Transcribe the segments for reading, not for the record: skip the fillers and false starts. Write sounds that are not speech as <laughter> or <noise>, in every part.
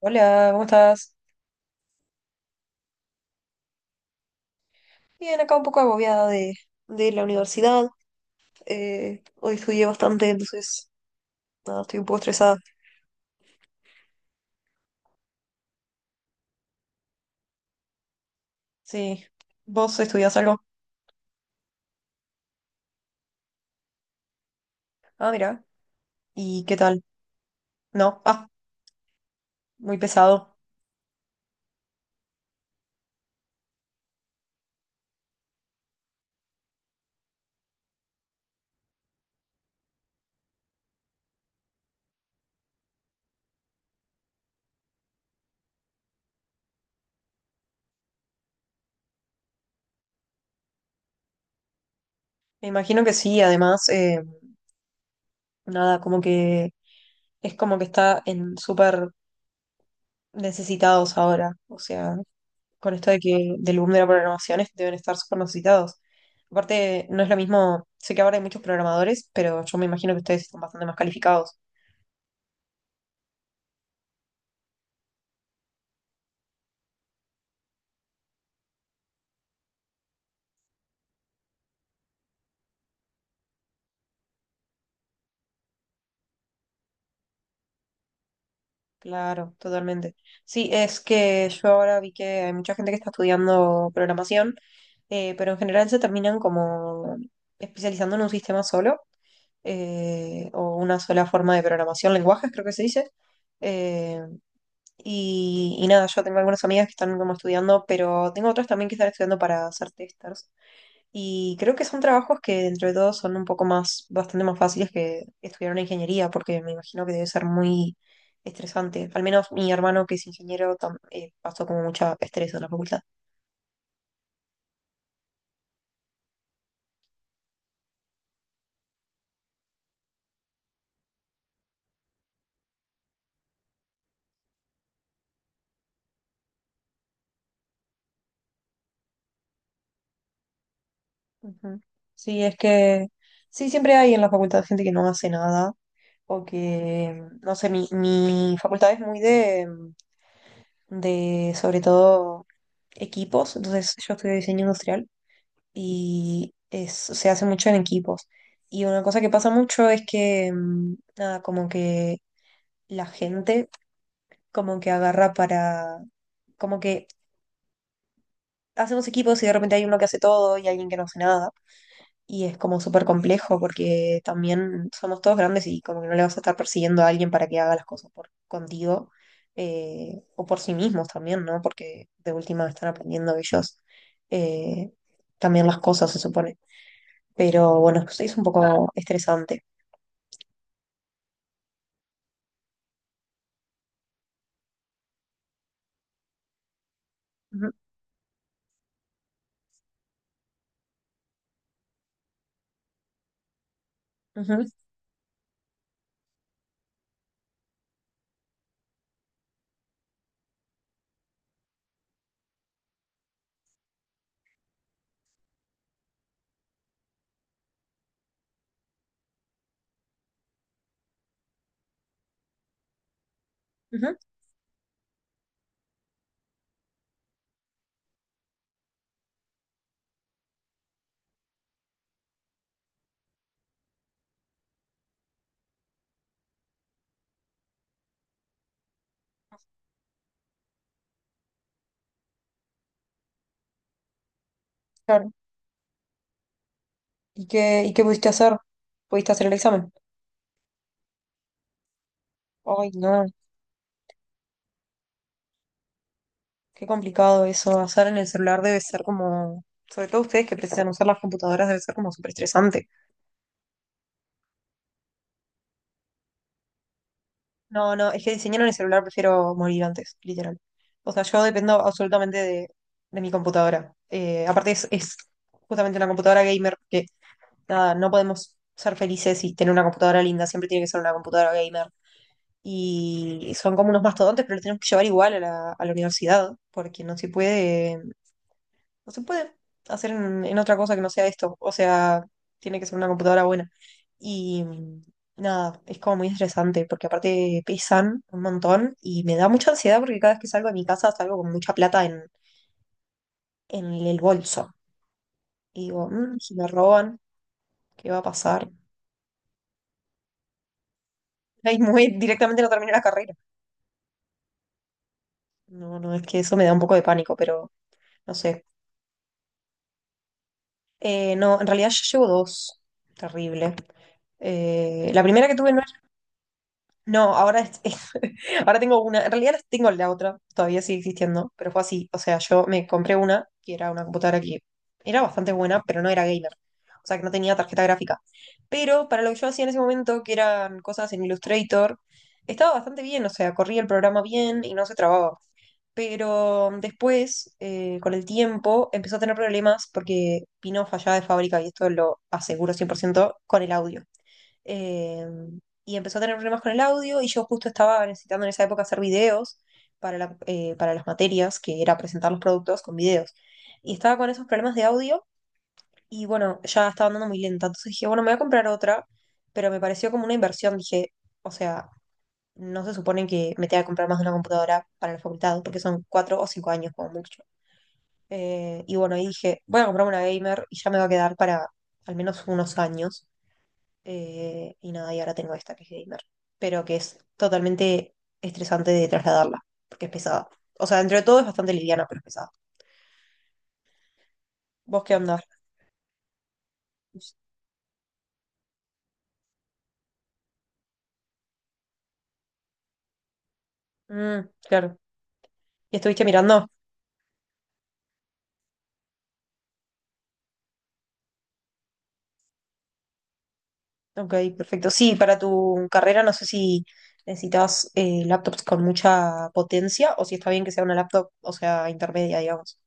Hola, ¿cómo estás? Bien, acá un poco agobiada de la universidad. Hoy estudié bastante, entonces nada, estoy un poco estresada. Sí. ¿Vos estudiás algo? Ah, mira. ¿Y qué tal? No. Ah, muy pesado. Me imagino que sí, además, nada, como que es como que está en súper necesitados ahora. O sea, con esto de que del boom de la programación deben estar súper necesitados. Aparte, no es lo mismo, sé que ahora hay muchos programadores, pero yo me imagino que ustedes están bastante más calificados. Claro, totalmente. Sí, es que yo ahora vi que hay mucha gente que está estudiando programación, pero en general se terminan como especializando en un sistema solo, o una sola forma de programación, lenguajes creo que se dice. Eh, y nada, yo tengo algunas amigas que están como estudiando, pero tengo otras también que están estudiando para ser testers. Y creo que son trabajos que dentro de todo son un poco más, bastante más fáciles que estudiar una ingeniería, porque me imagino que debe ser muy estresante. Al menos mi hermano que es ingeniero pasó como mucha estrés en la facultad. Ujú. Sí, es que sí, siempre hay en la facultad gente que no hace nada o que, no sé, mi facultad es muy de, de, sobre todo, equipos, entonces yo estudio diseño industrial y es, se hace mucho en equipos. Y una cosa que pasa mucho es que, nada, como que la gente como que agarra para, como que hacemos equipos y de repente hay uno que hace todo y alguien que no hace nada. Y es como súper complejo porque también somos todos grandes y como que no le vas a estar persiguiendo a alguien para que haga las cosas por contigo o por sí mismos también, ¿no? Porque de última están aprendiendo ellos eh, también las cosas, se supone. Pero bueno, sí es un poco estresante. Ujú, ujú, ujú. Claro. Y qué pudiste hacer? ¿Pudiste hacer el examen? Ay, no, qué complicado eso. Hacer en el celular debe ser como, sobre todo ustedes que precisan usar las computadoras, debe ser como súper estresante. No, no, es que diseñar en el celular prefiero morir antes, literal. O sea, yo dependo absolutamente de mi computadora. Aparte es justamente una computadora gamer que, nada, no podemos ser felices y tener una computadora linda, siempre tiene que ser una computadora gamer y son como unos mastodontes, pero los tenemos que llevar igual a la universidad, porque no se puede hacer en otra cosa que no sea esto. O sea, tiene que ser una computadora buena. Y nada, es como muy estresante, porque aparte pesan un montón y me da mucha ansiedad porque cada vez que salgo de mi casa salgo con mucha plata en el bolso. Y digo, "Mm, si me roban, ¿qué va a pasar? <laughs> Ahí muy directamente no terminé la carrera. No, no, es que eso me da un poco de pánico, pero no sé. No, en realidad yo llevo dos. Terrible. La primera que tuve no es- No, ahora, <laughs> ahora tengo una. En realidad las tengo la otra, todavía sigue existiendo, pero fue así. O sea, yo me compré una que era una computadora que era bastante buena, pero no era gamer. O sea, que no tenía tarjeta gráfica. Pero para lo que yo hacía en ese momento, que eran cosas en Illustrator, estaba bastante bien. O sea, corría el programa bien y no se trababa pero después, con el tiempo, empezó a tener problemas porque Pino fallaba de fábrica, y esto lo aseguro 100% con el audio. Eh, y empezó a tener problemas con el audio y yo justo estaba necesitando en esa época hacer videos para, para las materias, que era presentar los productos con videos. Y estaba con esos problemas de audio y bueno, ya estaba andando muy lenta. Entonces dije, bueno, me voy a comprar otra, pero me pareció como una inversión. Dije, o sea, no se supone que me tenga que comprar más de una computadora para la facultad, porque son cuatro o cinco años como mucho. Y bueno, ahí dije, voy a comprarme una gamer y ya me va a quedar para al menos unos años. Y nada, y ahora tengo esta que es gamer, pero que es totalmente estresante de trasladarla, porque es pesada. O sea, dentro de todo es bastante liviana, pero es pesada. ¿Vos qué onda? Mm, claro. ¿Y estuviste mirando? Ok, perfecto. Sí, para tu carrera no sé si necesitas laptops con mucha potencia o si está bien que sea una laptop, o sea, intermedia, digamos.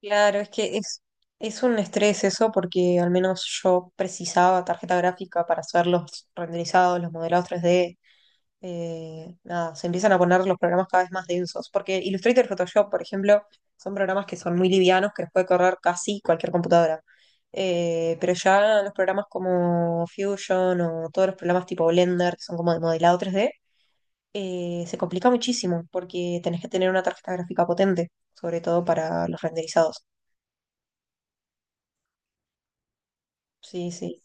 Claro, es que es un estrés eso, porque al menos yo precisaba tarjeta gráfica para hacer los renderizados, los modelados 3D nada, se empiezan a poner los programas cada vez más densos, porque Illustrator y Photoshop, por ejemplo, son programas que son muy livianos, que los puede correr casi cualquier computadora. Pero ya los programas como Fusion o todos los programas tipo Blender, que son como de modelado 3D se complica muchísimo porque tenés que tener una tarjeta gráfica potente, sobre todo para los renderizados. Sí, sí.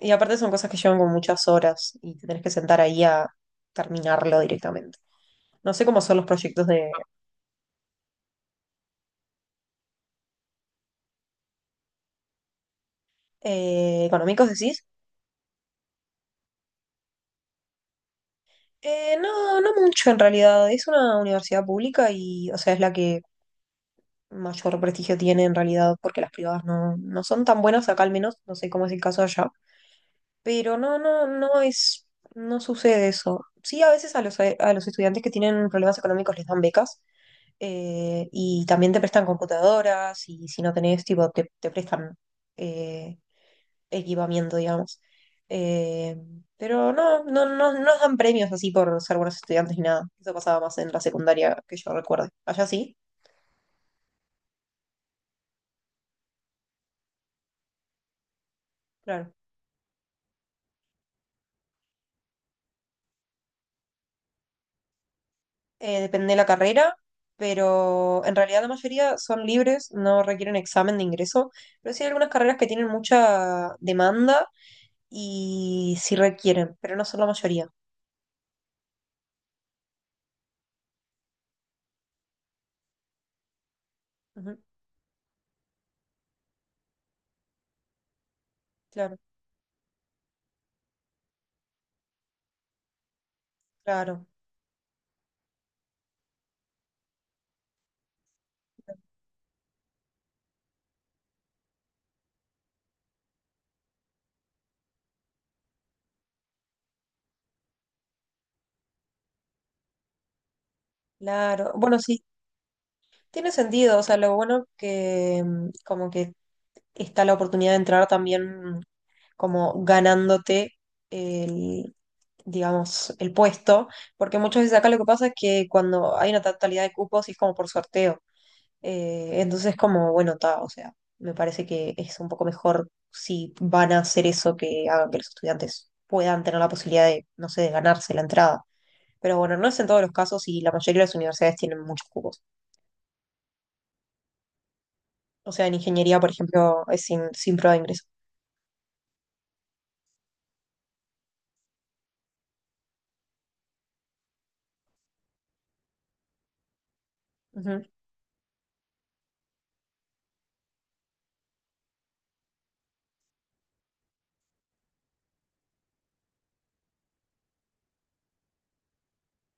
Y aparte son cosas que llevan con muchas horas y te tenés que sentar ahí a terminarlo directamente. No sé cómo son los proyectos de económicos, decís. No, no mucho en realidad. Es una universidad pública y, o sea, es la que mayor prestigio tiene en realidad, porque las privadas no, no son tan buenas acá al menos. No sé cómo es el caso allá. Pero no, no sucede eso. Sí, a veces a los estudiantes que tienen problemas económicos les dan becas y también te prestan computadoras y si no tenés, tipo, te prestan eh, equipamiento, digamos. Eh, pero no, no, no, no nos dan premios así por ser buenos estudiantes ni nada. Eso pasaba más en la secundaria que yo recuerde. Allá sí, claro. Depende de la carrera, pero en realidad la mayoría son libres, no requieren examen de ingreso, pero sí hay algunas carreras que tienen mucha demanda y sí requieren, pero no son la mayoría. Ujú, claro, claro, claro. Bueno, sí, tiene sentido, o sea, lo bueno que como que está la oportunidad de entrar también como ganándote el, digamos, el puesto, porque muchas veces acá lo que pasa es que cuando hay una totalidad de cupos y es como por sorteo. Entonces, como, bueno, ta, o sea, me parece que es un poco mejor si van a hacer eso que hagan que los estudiantes puedan tener la posibilidad de, no sé, de ganarse la entrada. Pero bueno, no es en todos los casos y la mayoría de las universidades tienen muchos cupos. O sea, en ingeniería, por ejemplo, es sin prueba de ingreso. Ujú,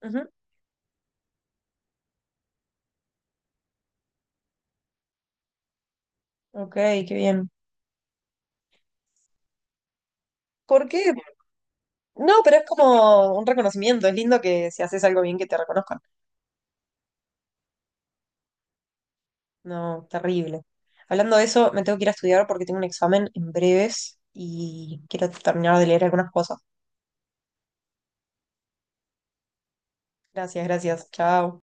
ujú. Ok, qué bien. ¿Por qué? No, pero es como un reconocimiento. Es lindo que si haces algo bien que te reconozcan. No, terrible. Hablando de eso, me tengo que ir a estudiar porque tengo un examen en breves y quiero terminar de leer algunas cosas. Gracias, gracias. Chao.